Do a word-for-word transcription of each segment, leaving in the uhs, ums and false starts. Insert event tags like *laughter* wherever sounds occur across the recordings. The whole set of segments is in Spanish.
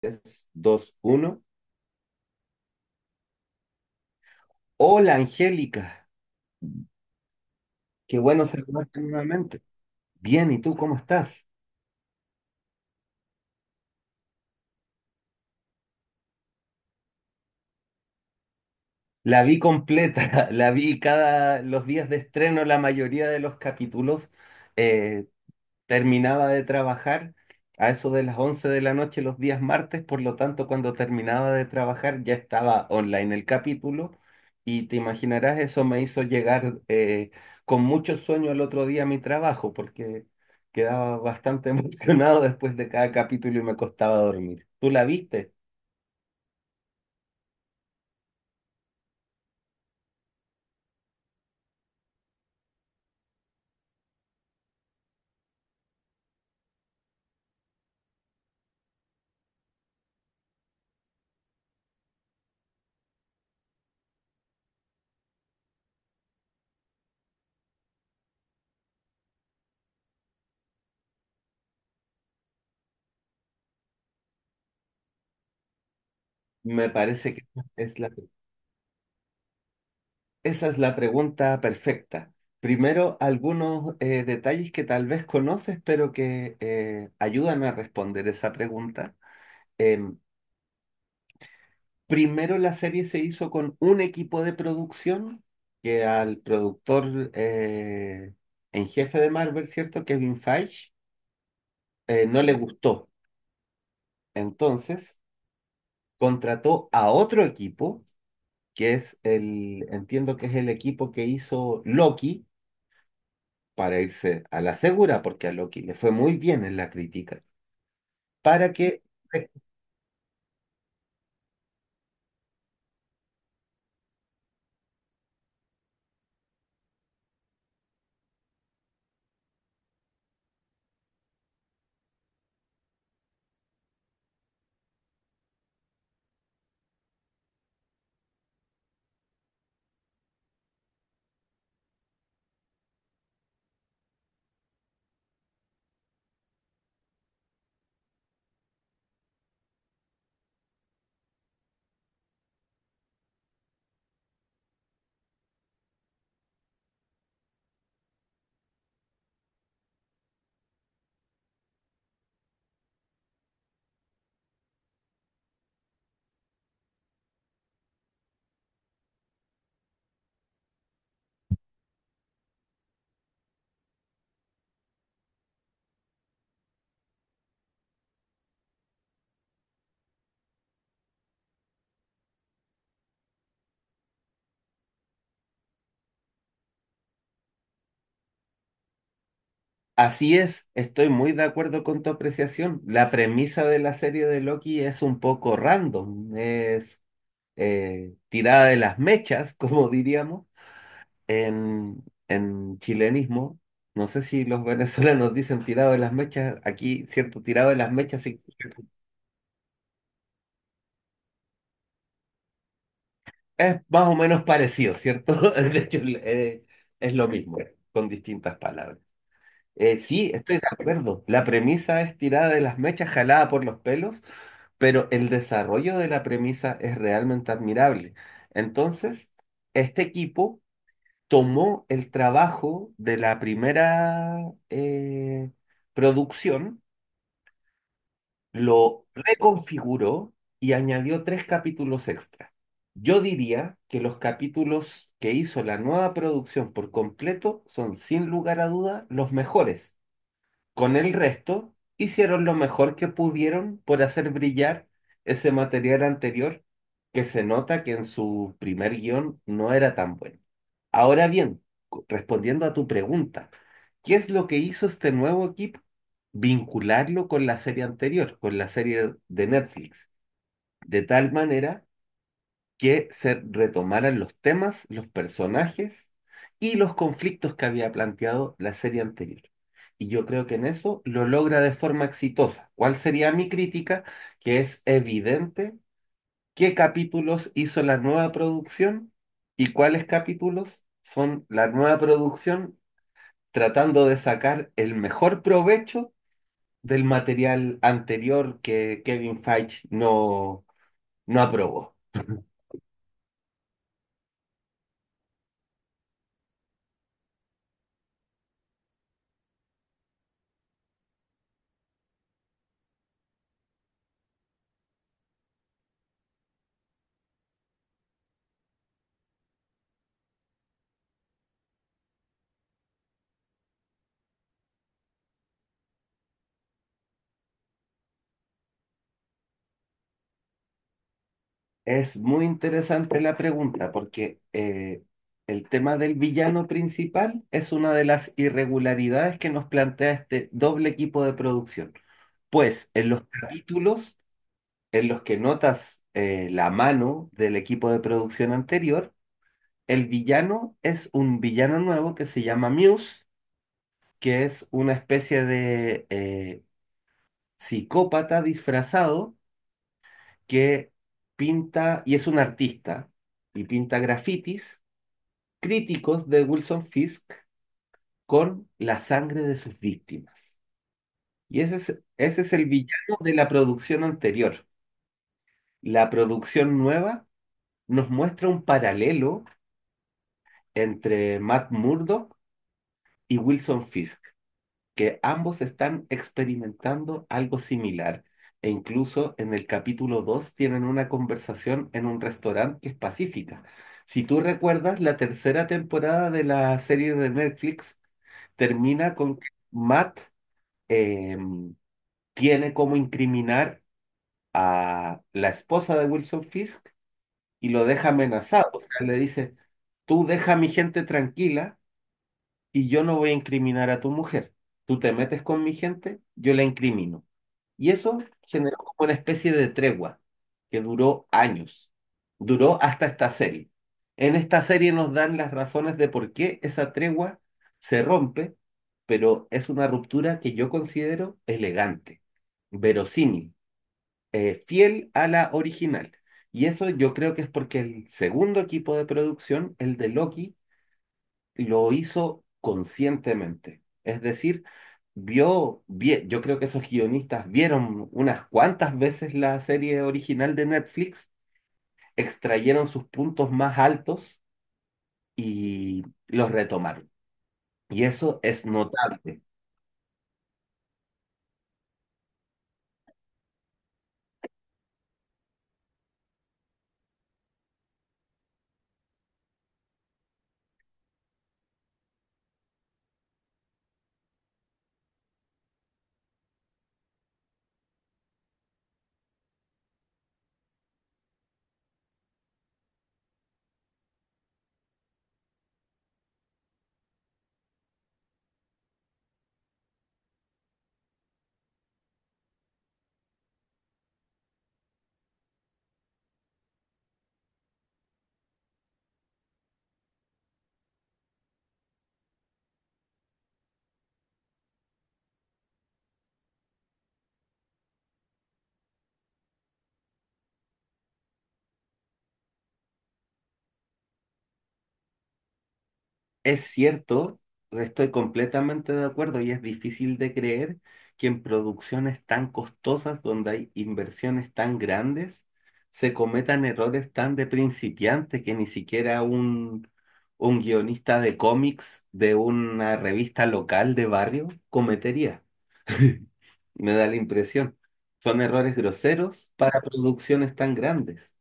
tres, dos, uno. Hola, Angélica. Qué bueno saludarte nuevamente. Bien, ¿y tú cómo estás? La vi completa, *laughs* la vi cada los días de estreno, la mayoría de los capítulos. Eh, Terminaba de trabajar a eso de las once de la noche los días martes, por lo tanto, cuando terminaba de trabajar ya estaba online el capítulo y te imaginarás, eso me hizo llegar eh, con mucho sueño el otro día a mi trabajo porque quedaba bastante *laughs* emocionado después de cada capítulo y me costaba dormir. ¿Tú la viste? Me parece que es la... esa es la pregunta perfecta. Primero, algunos eh, detalles que tal vez conoces, pero que eh, ayudan a responder esa pregunta. Em, Primero, la serie se hizo con un equipo de producción que al productor eh, en jefe de Marvel, ¿cierto? Kevin Feige, eh, no le gustó. Entonces, contrató a otro equipo, que es el, entiendo que es el equipo que hizo Loki para irse a la segura, porque a Loki le fue muy bien en la crítica, para que... eh, Así es, estoy muy de acuerdo con tu apreciación. La premisa de la serie de Loki es un poco random, es eh, tirada de las mechas, *laughs* como diríamos, en, en chilenismo. No sé si los venezolanos dicen tirado de las mechas, aquí, ¿cierto? Tirado de las mechas sí, es más o menos parecido, ¿cierto? *laughs* De hecho, eh, es lo mismo, con distintas palabras. Eh, sí, estoy de acuerdo. La premisa es tirada de las mechas, jalada por los pelos, pero el desarrollo de la premisa es realmente admirable. Entonces, este equipo tomó el trabajo de la primera eh, producción, lo reconfiguró y añadió tres capítulos extra. Yo diría que los capítulos que hizo la nueva producción por completo son sin lugar a duda los mejores con el resto, hicieron lo mejor que pudieron por hacer brillar ese material anterior, que se nota que en su primer guión no era tan bueno. Ahora bien, co- respondiendo a tu pregunta, ¿qué es lo que hizo este nuevo equipo? Vincularlo con la serie anterior, con la serie de Netflix, de tal manera que se retomaran los temas, los personajes y los conflictos que había planteado la serie anterior. Y yo creo que en eso lo logra de forma exitosa. ¿Cuál sería mi crítica? Que es evidente qué capítulos hizo la nueva producción y cuáles capítulos son la nueva producción tratando de sacar el mejor provecho del material anterior que Kevin Feige no, no aprobó. *laughs* Es muy interesante la pregunta porque eh, el tema del villano principal es una de las irregularidades que nos plantea este doble equipo de producción. Pues en los capítulos en los que notas eh, la mano del equipo de producción anterior, el villano es un villano nuevo que se llama Muse, que es una especie de eh, psicópata disfrazado que pinta y es un artista y pinta grafitis críticos de Wilson Fisk con la sangre de sus víctimas. Y ese es, ese es el villano de la producción anterior. La producción nueva nos muestra un paralelo entre Matt Murdock y Wilson Fisk, que ambos están experimentando algo similar. E incluso en el capítulo dos tienen una conversación en un restaurante que es pacífica. Si tú recuerdas, la tercera temporada de la serie de Netflix termina con que Matt eh, tiene como incriminar a la esposa de Wilson Fisk y lo deja amenazado. O sea, le dice, tú deja a mi gente tranquila y yo no voy a incriminar a tu mujer. Tú te metes con mi gente, yo la incrimino. Y eso generó como una especie de tregua que duró años, duró hasta esta serie. En esta serie nos dan las razones de por qué esa tregua se rompe, pero es una ruptura que yo considero elegante, verosímil, eh, fiel a la original. Y eso yo creo que es porque el segundo equipo de producción, el de Loki, lo hizo conscientemente. Es decir, vio, vie- yo creo que esos guionistas vieron unas cuantas veces la serie original de Netflix, extrayeron sus puntos más altos y los retomaron. Y eso es notable. Es cierto, estoy completamente de acuerdo y es difícil de creer que en producciones tan costosas, donde hay inversiones tan grandes, se cometan errores tan de principiante que ni siquiera un, un guionista de cómics de una revista local de barrio cometería. *laughs* Me da la impresión. Son errores groseros para producciones tan grandes.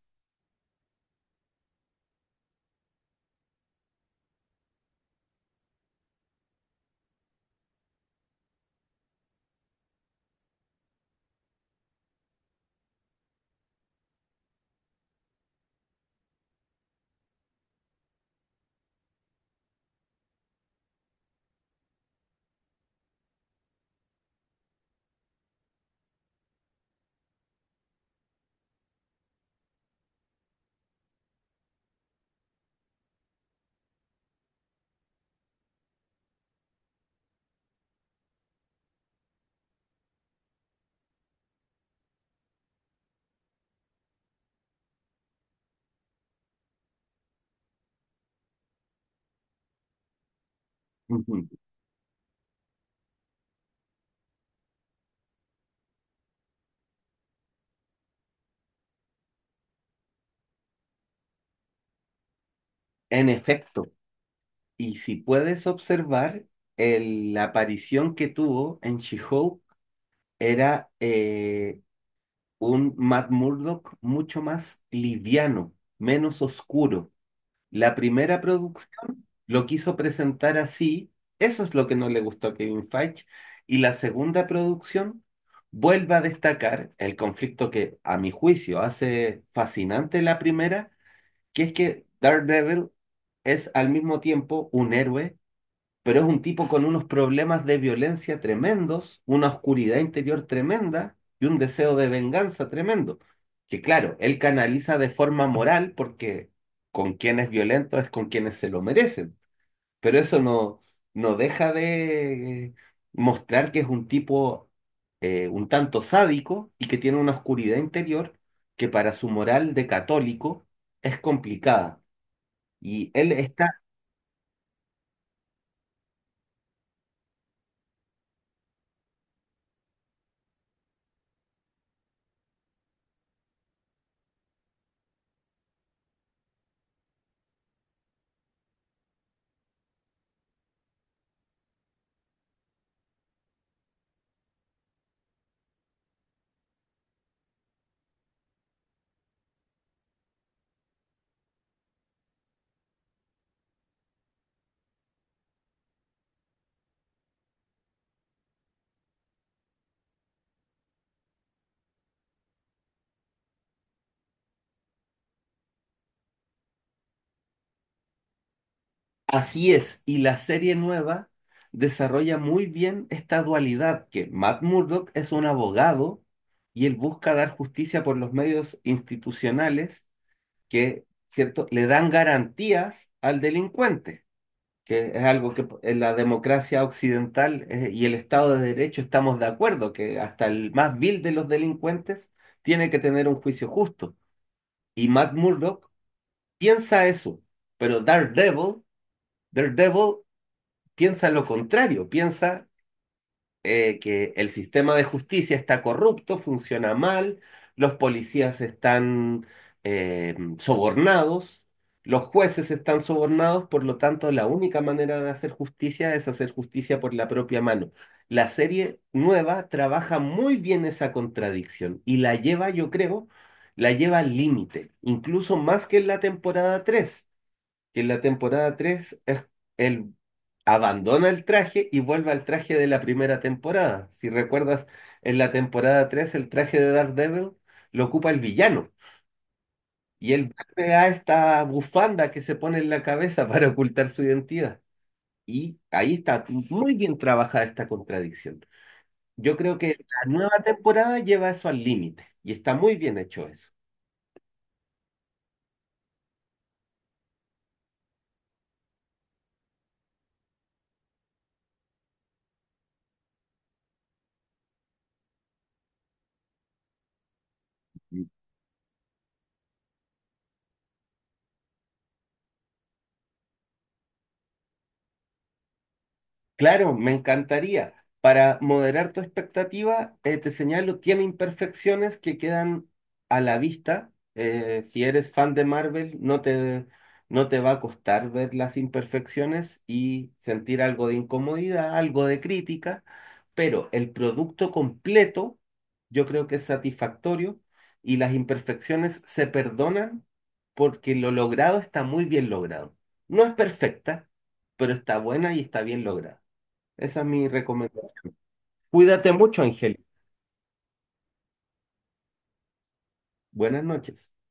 Ujú. En efecto. Y si puedes observar, el- la aparición que tuvo en She-Hulk era eh, un Matt Murdock mucho más liviano, menos oscuro. La primera producción lo quiso presentar así, eso es lo que no le gustó a Kevin Feige, y la segunda producción vuelve a destacar el conflicto que, a mi juicio, hace fascinante la primera, que es que Daredevil es al mismo tiempo un héroe pero es un tipo con unos problemas de violencia tremendos, una oscuridad interior tremenda y un deseo de venganza tremendo, que claro, él canaliza de forma moral porque con quien es violento es con quienes se lo merecen, pero eso no, no deja de mostrar que es un tipo eh, un tanto sádico y que tiene una oscuridad interior que para su moral de católico es complicada. Y él está. Así es, y la serie nueva desarrolla muy bien esta dualidad que Matt Murdock es un abogado y él busca dar justicia por los medios institucionales que, ¿cierto?, le dan garantías al delincuente, que es algo que en la democracia occidental eh, y el Estado de Derecho estamos de acuerdo, que hasta el más vil de los delincuentes tiene que tener un juicio justo. Y Matt Murdock piensa eso, pero Daredevil... Daredevil piensa lo contrario, piensa eh, que el sistema de justicia está corrupto, funciona mal, los policías están eh, sobornados, los jueces están sobornados, por lo tanto la única manera de hacer justicia es hacer justicia por la propia mano. La serie nueva trabaja muy bien esa contradicción y la lleva, yo creo, la lleva al límite, incluso más que en la temporada tres que en la temporada tres es, él abandona el traje y vuelve al traje de la primera temporada. Si recuerdas, en la temporada tres el traje de Daredevil lo ocupa el villano y él vuelve a esta bufanda que se pone en la cabeza *laughs* para ocultar su identidad. Y ahí está muy bien trabajada esta contradicción. Yo creo que la nueva temporada lleva eso al límite y está muy bien hecho eso. Claro, me encantaría. Para moderar tu expectativa, eh, te señalo, tiene imperfecciones que quedan a la vista. Eh, si eres fan de Marvel, no te, no te va a costar ver las imperfecciones y sentir algo de incomodidad, algo de crítica, pero el producto completo yo creo que es satisfactorio y las imperfecciones se perdonan porque lo logrado está muy bien logrado. No es perfecta, pero está buena y está bien lograda. Esa es mi recomendación. Cuídate mucho, Angélica. Buenas noches.